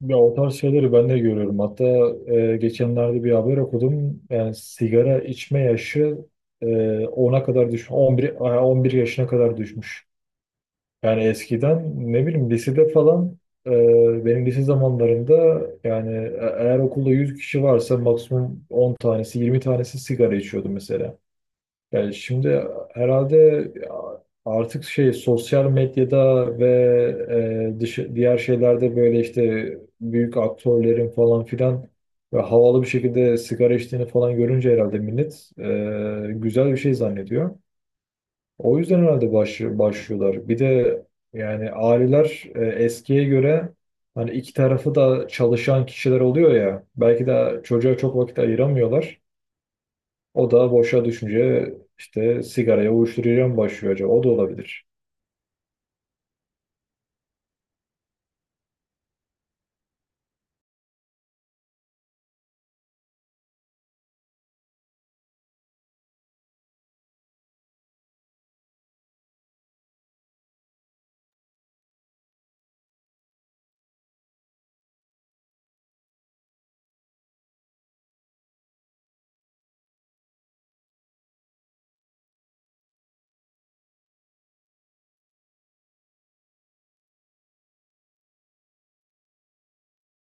Ya o tarz şeyleri ben de görüyorum. Hatta geçenlerde bir haber okudum. Yani sigara içme yaşı e, 10'a kadar 11 11 yaşına kadar düşmüş. Yani eskiden ne bileyim lisede falan benim lise zamanlarında yani eğer okulda 100 kişi varsa maksimum 10 tanesi 20 tanesi sigara içiyordu mesela. Yani şimdi herhalde ya artık şey sosyal medyada ve diğer şeylerde böyle işte büyük aktörlerin falan filan ve havalı bir şekilde sigara içtiğini falan görünce herhalde millet güzel bir şey zannediyor. O yüzden herhalde başlıyorlar. Bir de yani aileler eskiye göre hani iki tarafı da çalışan kişiler oluyor ya, belki de çocuğa çok vakit ayıramıyorlar. O da boşa düşünce işte sigaraya uyuşturucuya mı başlıyor acaba? O da olabilir.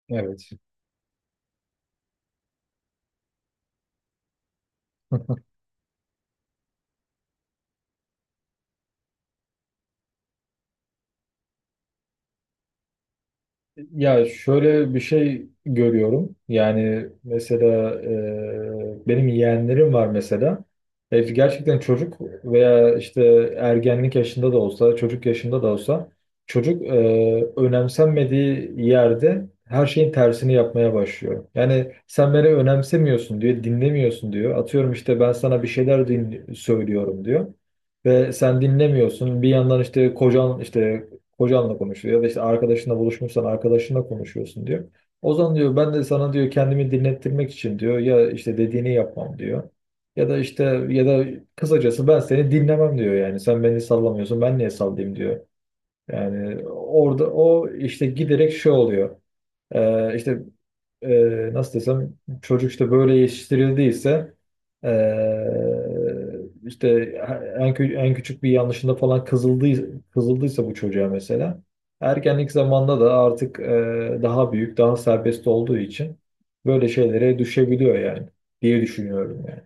Evet. Ya şöyle bir şey görüyorum. Yani mesela benim yeğenlerim var mesela. Gerçekten çocuk veya işte ergenlik yaşında da olsa, çocuk yaşında da olsa çocuk önemsenmediği yerde her şeyin tersini yapmaya başlıyor. Yani sen beni önemsemiyorsun diyor, dinlemiyorsun diyor. Atıyorum işte ben sana bir şeyler söylüyorum diyor. Ve sen dinlemiyorsun. Bir yandan işte kocanla konuşuyor ya da işte arkadaşınla buluşmuşsan arkadaşınla konuşuyorsun diyor. O zaman diyor ben de sana diyor kendimi dinlettirmek için diyor ya işte dediğini yapmam diyor. Ya da işte ya da kısacası ben seni dinlemem diyor, yani sen beni sallamıyorsun ben niye sallayayım diyor. Yani orada o işte giderek şey oluyor. Ee, işte nasıl desem çocuk işte böyle yetiştirildiyse e, işte en küçük bir yanlışında falan kızıldıysa bu çocuğa, mesela ergenlik zamanında da artık daha büyük daha serbest olduğu için böyle şeylere düşebiliyor yani, diye düşünüyorum yani.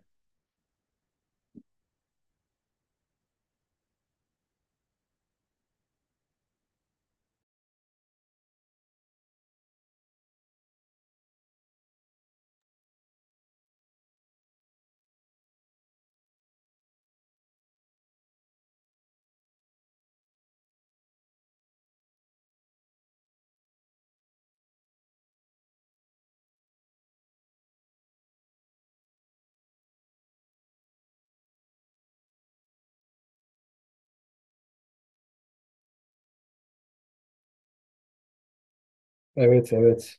Evet, evet.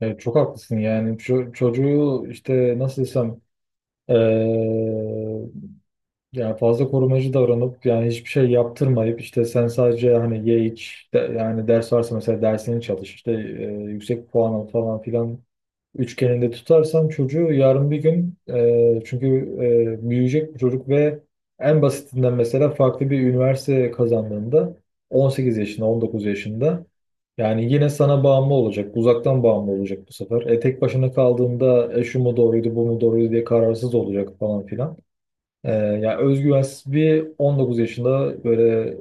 Evet, çok haklısın yani. Çocuğu işte nasıl desem eee, yani fazla korumacı davranıp yani hiçbir şey yaptırmayıp işte sen sadece hani ye iç yani ders varsa mesela dersini çalış işte yüksek puan al falan filan üçgeninde tutarsam çocuğu yarın bir gün çünkü büyüyecek bu çocuk ve en basitinden mesela farklı bir üniversite kazandığında 18 yaşında 19 yaşında yani yine sana bağımlı olacak, uzaktan bağımlı olacak bu sefer. Tek başına kaldığında şu mu doğruydu bu mu doğruydu diye kararsız olacak falan filan. Yani özgüvensiz bir 19 yaşında böyle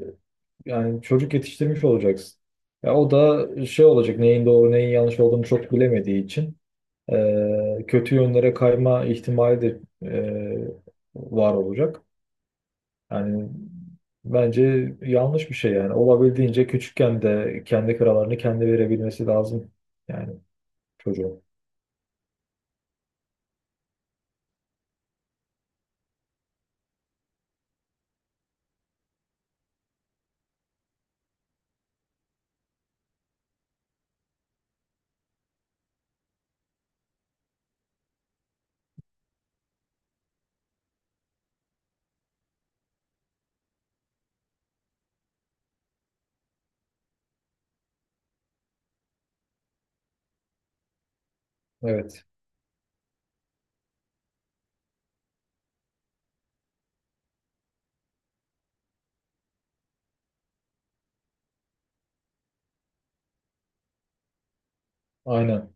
yani çocuk yetiştirmiş olacaksın. Ya o da şey olacak, neyin doğru neyin yanlış olduğunu çok bilemediği için kötü yönlere kayma ihtimali de e, var olacak. Yani bence yanlış bir şey yani. Olabildiğince küçükken de kendi kararlarını kendi verebilmesi lazım yani çocuğun. Evet, aynen.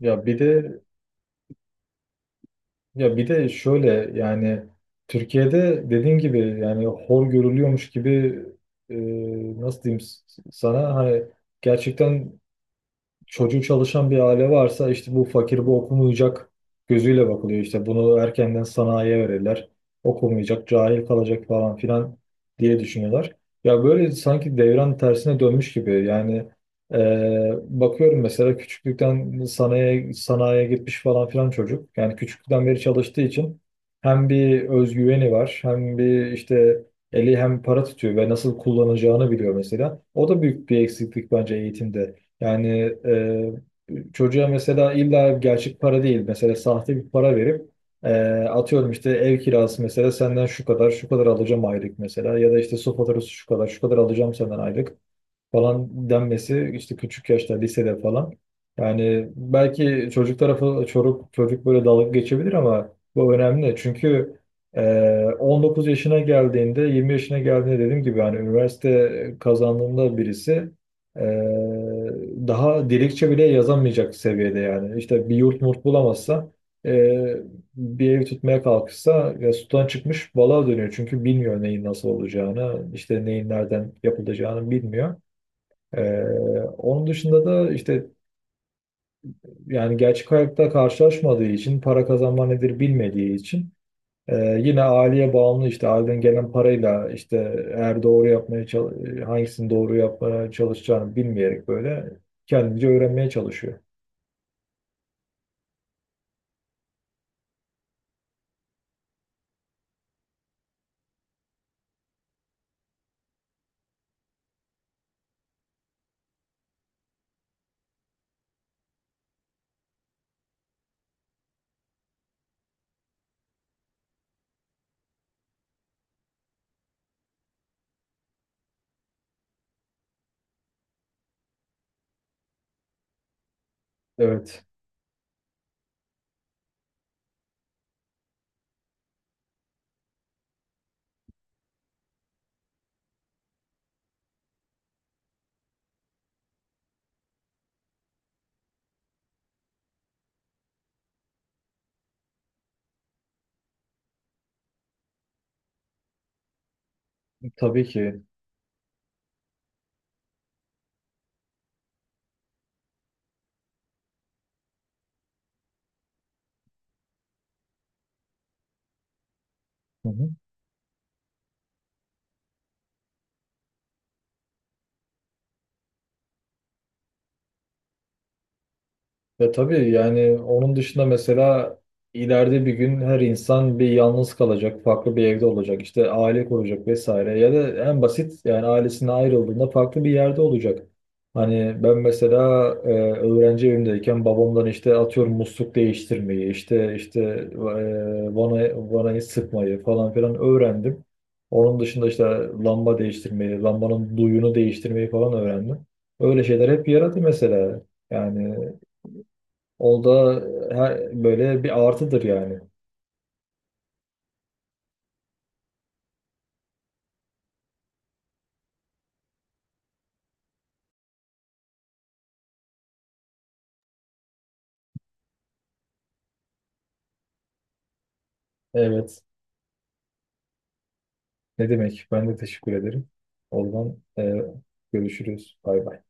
Ya bir de ya bir de şöyle yani Türkiye'de dediğin gibi yani hor görülüyormuş gibi e, nasıl diyeyim, sana hani gerçekten çocuğu çalışan bir aile varsa işte bu fakir bu okumayacak gözüyle bakılıyor, işte bunu erkenden sanayiye verirler, okumayacak cahil kalacak falan filan diye düşünüyorlar. Ya böyle sanki devran tersine dönmüş gibi yani e, bakıyorum mesela küçüklükten sanayiye gitmiş falan filan çocuk yani küçüklükten beri çalıştığı için hem bir özgüveni var hem bir işte eli hem para tutuyor ve nasıl kullanacağını biliyor mesela. O da büyük bir eksiklik bence eğitimde. Yani çocuğa mesela illa gerçek para değil, mesela sahte bir para verip atıyorum işte ev kirası mesela, senden şu kadar şu kadar alacağım aylık mesela, ya da işte su faturası şu kadar şu kadar alacağım senden aylık falan denmesi işte, küçük yaşta lisede falan. Yani belki çocuk tarafı çocuk böyle dalga geçebilir ama bu önemli. Çünkü e, 19 yaşına geldiğinde 20 yaşına geldiğinde dediğim gibi yani üniversite kazandığında birisi e, daha dilekçe bile yazamayacak seviyede yani. İşte bir yurt murt bulamazsa e, bir ev tutmaya kalkışsa ya, sudan çıkmış balığa dönüyor. Çünkü bilmiyor neyin nasıl olacağını, işte neyin nereden yapılacağını bilmiyor. Ee, Onun dışında da işte yani gerçek hayatta karşılaşmadığı için, para kazanma nedir bilmediği için e, yine aileye bağımlı, işte aileden gelen parayla işte eğer doğru yapmaya hangisini doğru yapmaya çalışacağını bilmeyerek böyle kendince öğrenmeye çalışıyor. Evet, tabii ki. Ve tabii yani onun dışında mesela ileride bir gün her insan bir yalnız kalacak, farklı bir evde olacak, işte aile kuracak vesaire, ya da en basit yani ailesine ayrıldığında farklı bir yerde olacak. Hani ben mesela e, öğrenci evimdeyken babamdan işte atıyorum musluk değiştirmeyi, vanayı sıkmayı falan filan öğrendim. Onun dışında işte lamba değiştirmeyi, lambanın duyunu değiştirmeyi falan öğrendim. Öyle şeyler hep yaradı mesela. Yani o da böyle bir artıdır yani. Evet. Ne demek? Ben de teşekkür ederim. Oradan görüşürüz. Bay bay.